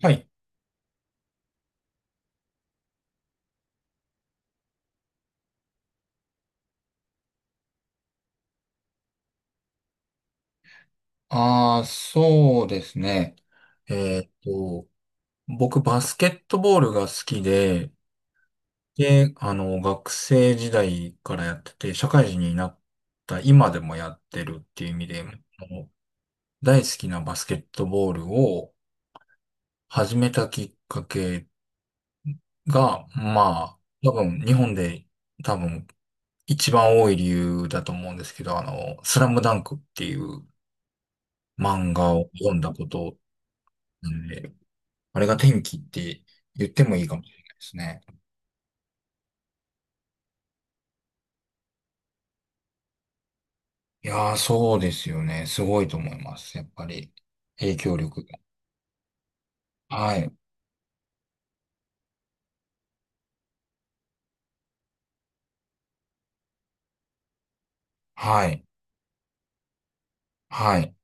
はい。ああ、そうですね。えーっと、僕、バスケットボールが好きで、で、あの、学生時代からやってて、社会人になった今でもやってるっていう意味で、あの大好きなバスケットボールを始めたきっかけが、まあ、多分、日本で多分、一番多い理由だと思うんですけど、あの、スラムダンクっていう漫画を読んだことなんで、あれが天気って言ってもいいかもしれないですね。いやー、そうですよね。すごいと思います。やっぱり、影響力が。はい、はい、はい。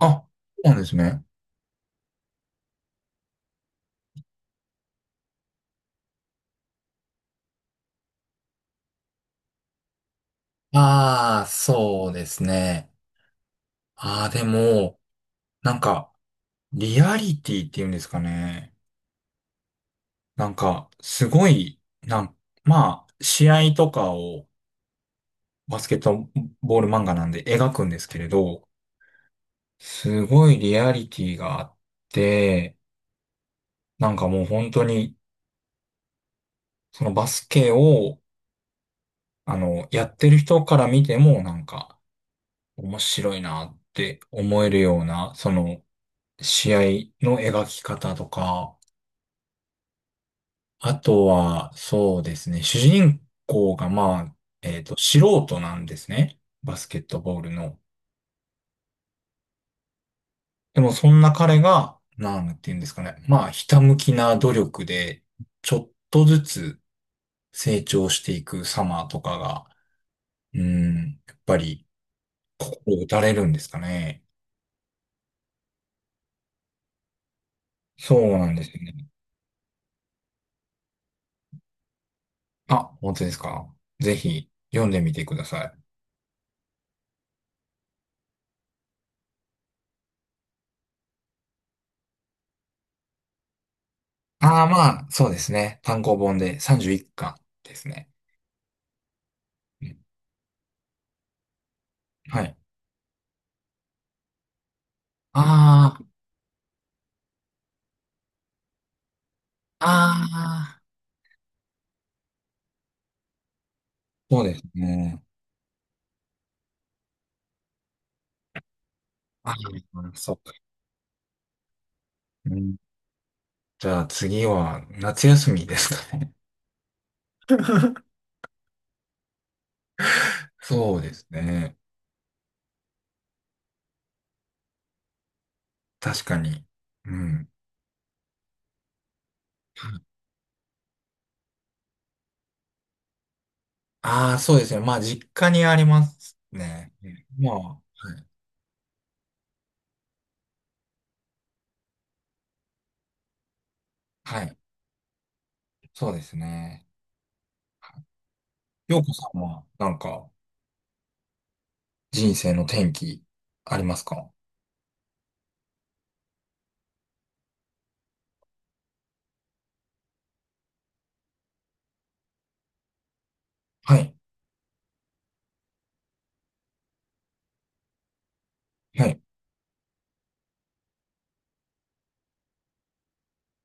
あ、そうなんですね。ああ、そうですね。ああ、でも、なんか、リアリティっていうんですかね。なんか、すごい、まあ、試合とかをバスケットボール漫画なんで描くんですけれど、すごいリアリティがあって、なんかもう本当に、そのバスケを、あの、やってる人から見ても、なんか、面白いなって思えるような、その、試合の描き方とか、あとは、そうですね、主人公が、まあ、素人なんですね。バスケットボールの。でも、そんな彼が、なんていうんですかね、まあ、ひたむきな努力で、ちょっとずつ成長していく様とかが、うん、やっぱり、心打たれるんですかね。そうなんですね。あ、本当ですか。ぜひ読んでみてください。ああ、まあ、そうですね。単行本で31巻ですね。うん、はい。ああ、ああ、そうですね。ああ、そっか。うん。じゃあ次は夏休みですかね。そうですね。確かに。うん。ああ、そうですね。まあ、実家にありますね。うん、まあ、はい。はい。そうですね。ようこさんは、なんか、人生の転機、ありますか？はい、はい、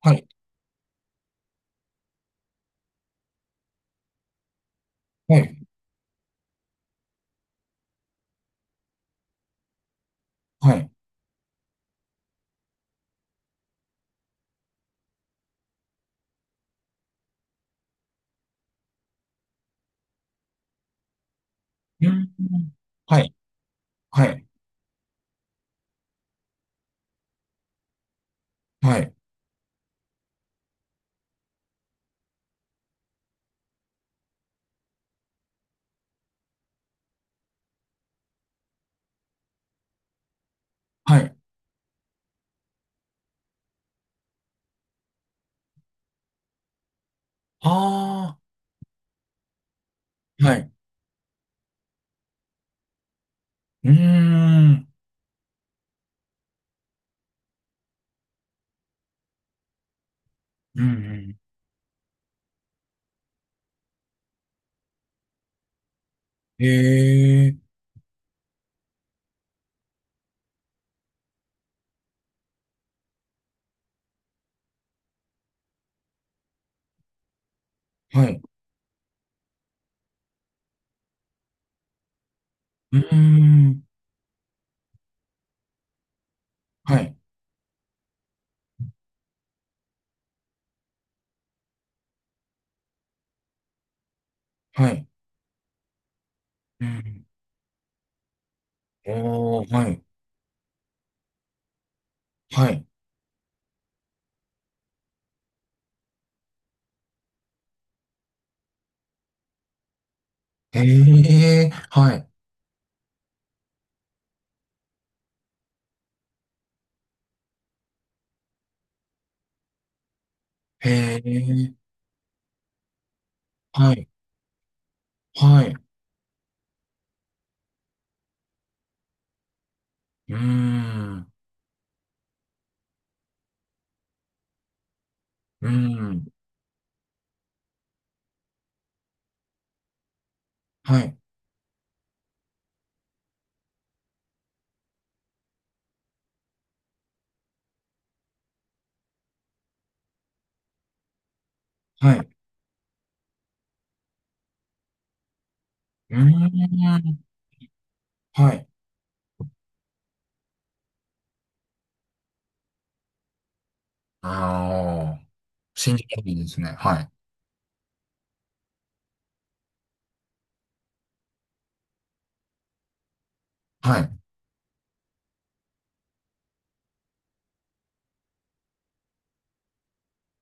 はい、はい、はい。うん、はい、はい、はい、はい。ああ、はい。うーん、うん、うん。ええ、はい。うーん、はい、はい。うん、おー、はい、はい。ええ、はい。ええ、はい、はい。うーん、うーん、はい、はい。うーん、はい。ああ、信じられないですね。はい。はい。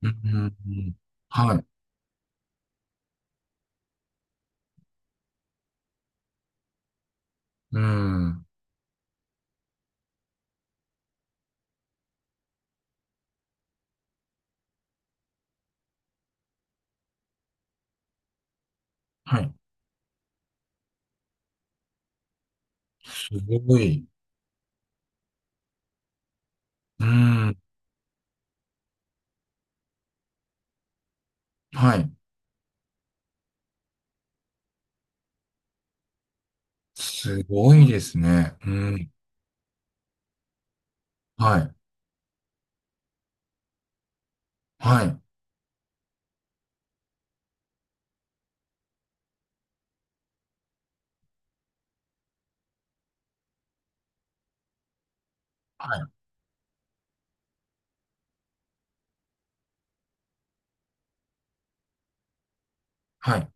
うん、うん、はい。うん。はい。すごい。うん。はい。すごいですね。うん。はい。はい。はい。はい。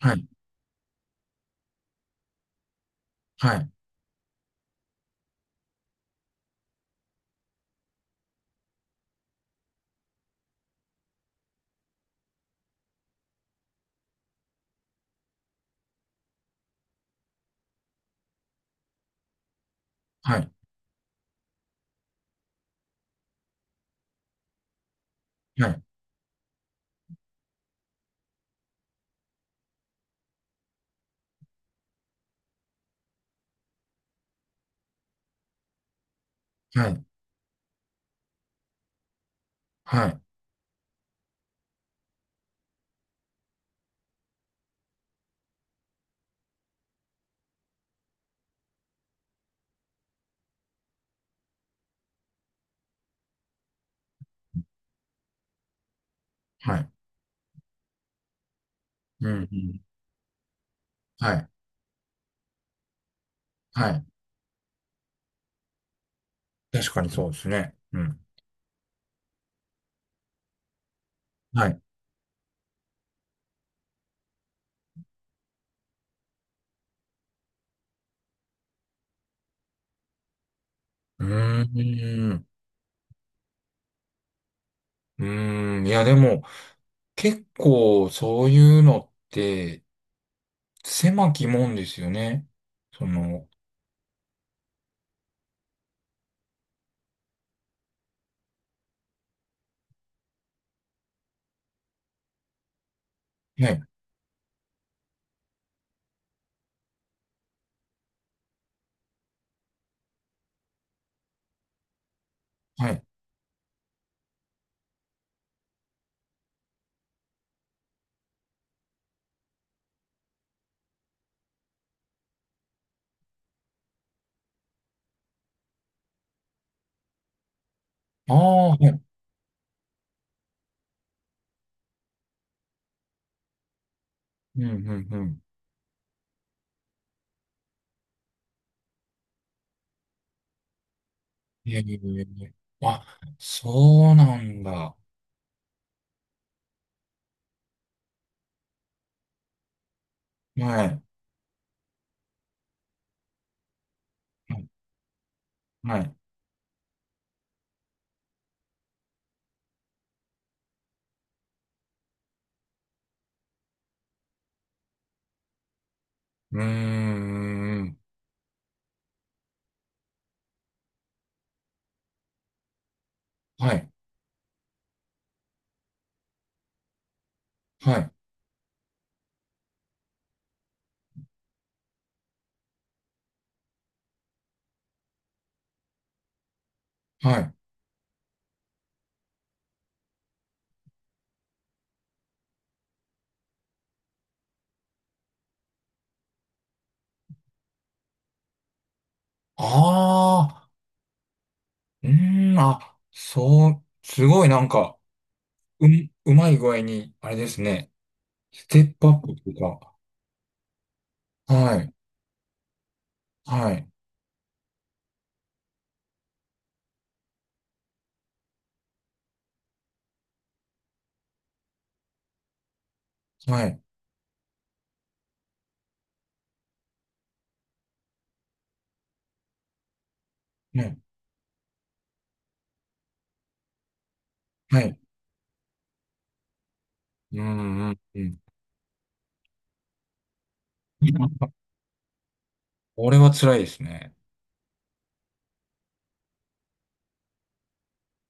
はい。はい。はい。はい。はい。はい。はい。はい。うん。うん、はい。はい。確かにそうですね。うん。はい。うーん。うーん。いや、でも、結構そういうのって、狭き門ですよね。その、はい、はい。ああ、はい。うん、うん、うん。ええ、あ、そうなんだ。はい、はい、はい。うーん、はい、はい、はい。ああ、うーん、あ、そう、すごいなんか、うん、うまい具合に、あれですね。ステップアップというか、はい、はい、はい、ね。はい。うーん、うん、うん。これは辛いですね。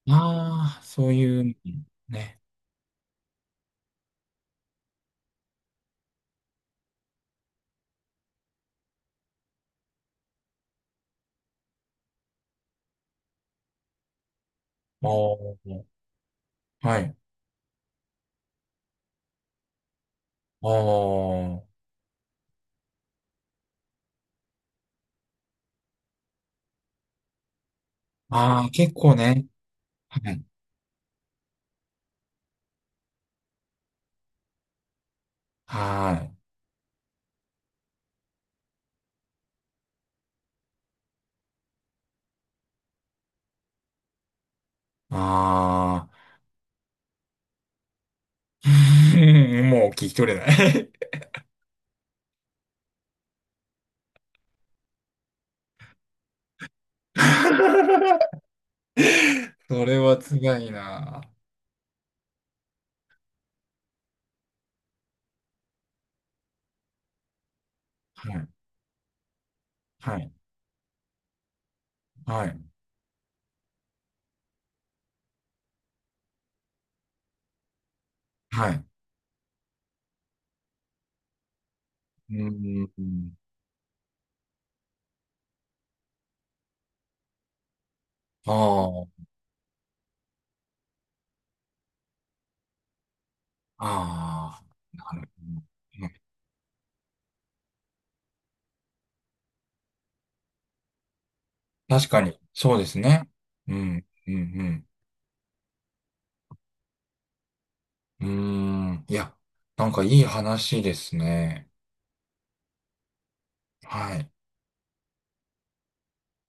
ああ、そういうね。ああ、はい。ああ、ああ、結構ね。はい。はい。ああ、うん、もう聞き取れない。 それはつがいな。はい。はい。はい。はい。うん。ああ、ああ、なるほど。うん。確かに、そうですね。うん、うん、うん。うーん。いや、なんかいい話ですね。はい。